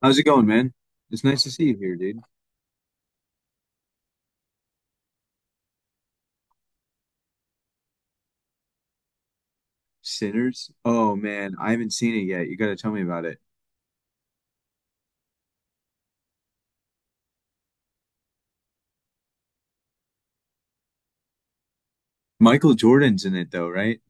How's it going, man? It's nice to see you here, dude. Sinners? Oh man, I haven't seen it yet. You gotta tell me about it. Michael Jordan's in it though, right?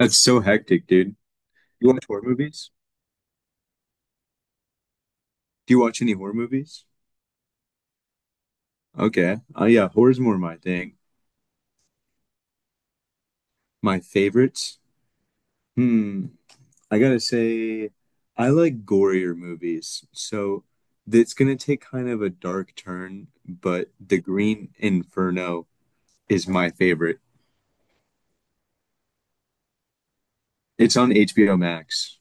That's so hectic, dude. You watch horror movies? Do you watch any horror movies? Okay. Oh yeah, horror's more my thing. My favorites? Hmm. I gotta say, I like gorier movies. So it's gonna take kind of a dark turn, but The Green Inferno is my favorite. It's on HBO Max.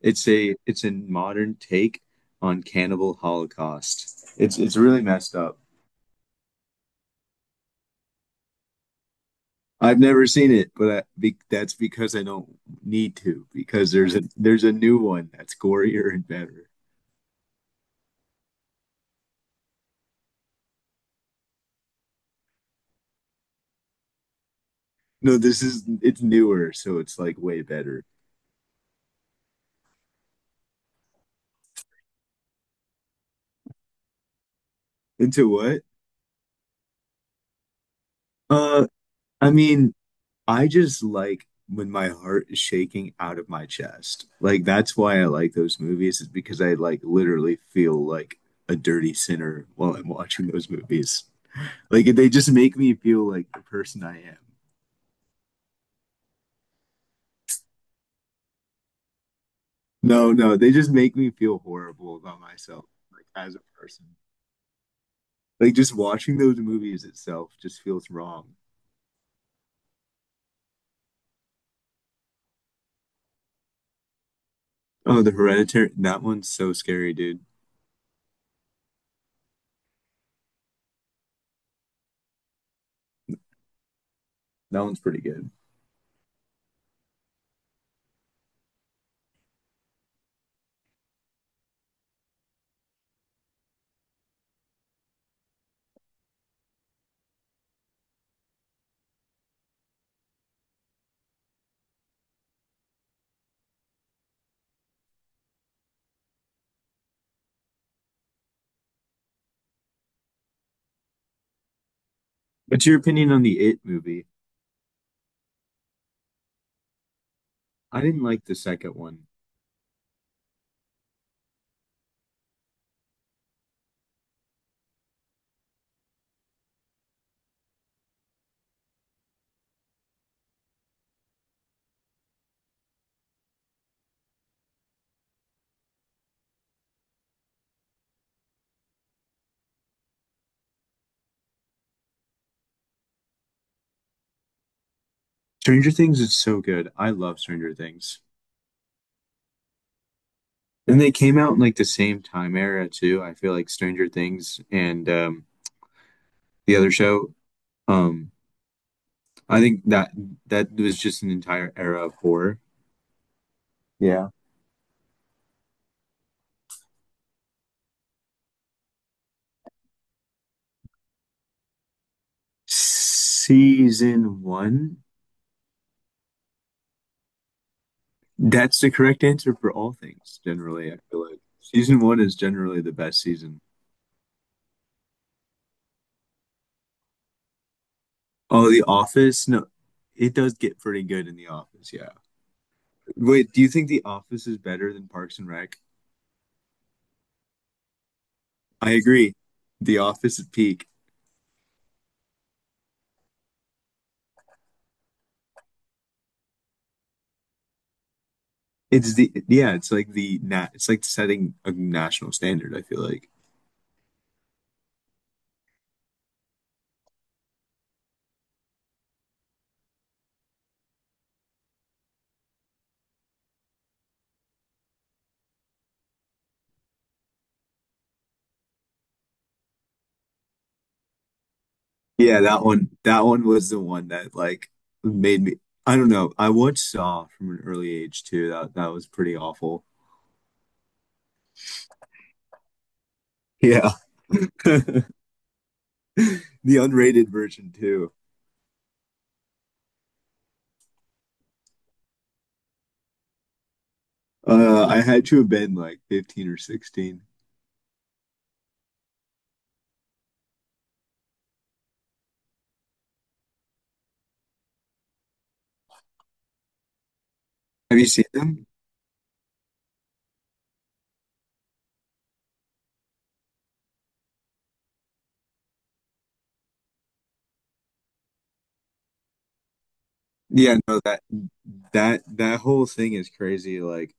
It's a modern take on Cannibal Holocaust. It's really messed up. I've never seen it, but that's because I don't need to because there's a new one that's gorier and better. No, this is it's newer, so it's like way better. Into what? Uh, I mean, I just like when my heart is shaking out of my chest. Like that's why I like those movies is because I like literally feel like a dirty sinner while I'm watching those movies. Like they just make me feel like the person I am. No, no, they just make me feel horrible about myself, like as a person. Like just watching those movies itself just feels wrong. Oh, the Hereditary, that one's so scary, dude. That one's pretty good. What's your opinion on the It movie? I didn't like the second one. Stranger Things is so good. I love Stranger Things. And they came out in like the same time era too. I feel like Stranger Things and the other show, um, I think that was just an entire era of horror. Yeah. Season one, that's the correct answer for all things, generally. I feel like season one is generally the best season. Oh, The Office? No, it does get pretty good in The Office, yeah. Wait, do you think The Office is better than Parks and Rec? I agree. The Office is peak. It's the, yeah, it's like the nat it's like setting a national standard, I feel like. Yeah, that one was the one that like made me, I don't know. I watched Saw from an early age too. That was pretty awful. Yeah. The unrated version too. I had to have been like 15 or 16. Have you seen them? Yeah, no, that whole thing is crazy. Like,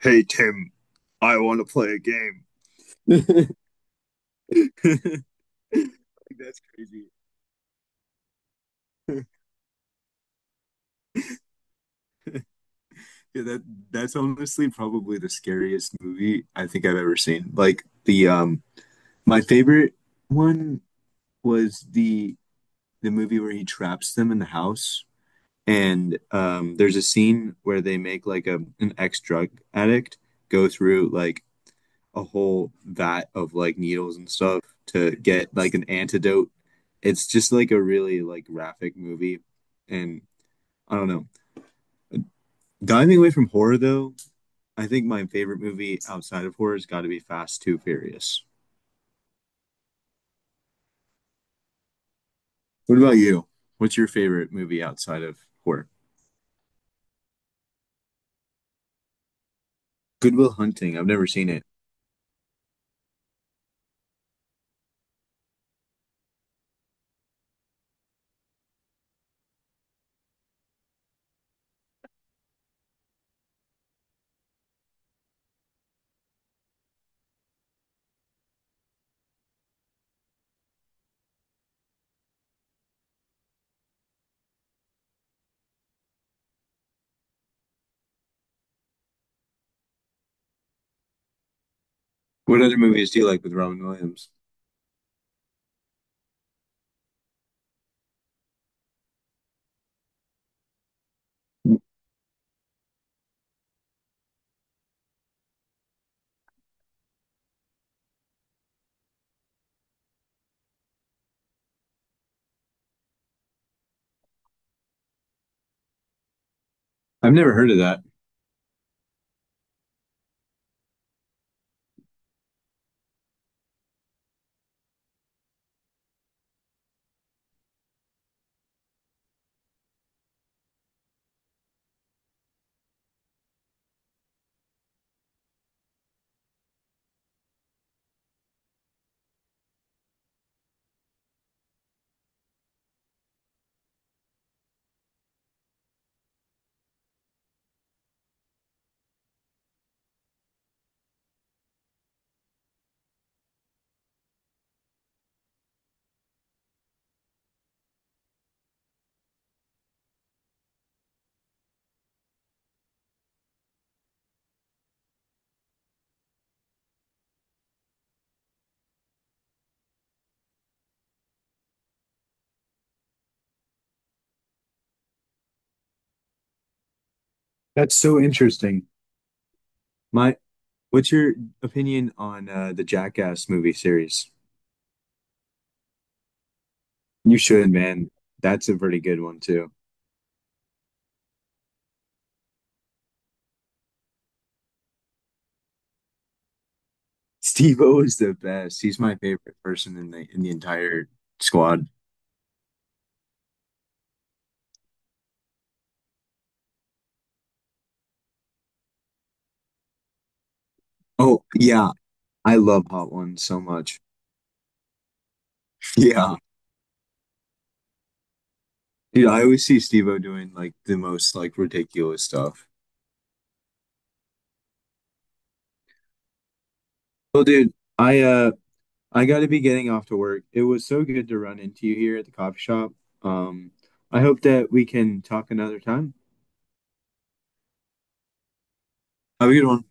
hey Tim, I want to play a game. Like, that's crazy. Yeah, that's honestly probably the scariest movie I think I've ever seen. Like the my favorite one was the movie where he traps them in the house and there's a scene where they make like a, an ex-drug addict go through like a whole vat of like needles and stuff to get like an antidote. It's just like a really like graphic movie and I don't know. Diving away from horror though, I think my favorite movie outside of horror's got to be Fast Two Furious. What about you? What's your favorite movie outside of horror? Goodwill Hunting. I've never seen it. What other movies do you like with Robin Williams? I've never heard of that. That's so interesting. My, what's your opinion on the Jackass movie series? You should, man. That's a pretty good one too. Steve O is the best. He's my favorite person in the entire squad. Oh yeah, I love Hot Ones so much. Yeah. Dude, I always see Steve-O doing like the most like ridiculous stuff. Well, dude, I uh I gotta be getting off to work. It was so good to run into you here at the coffee shop. Um, I hope that we can talk another time. Have a good one.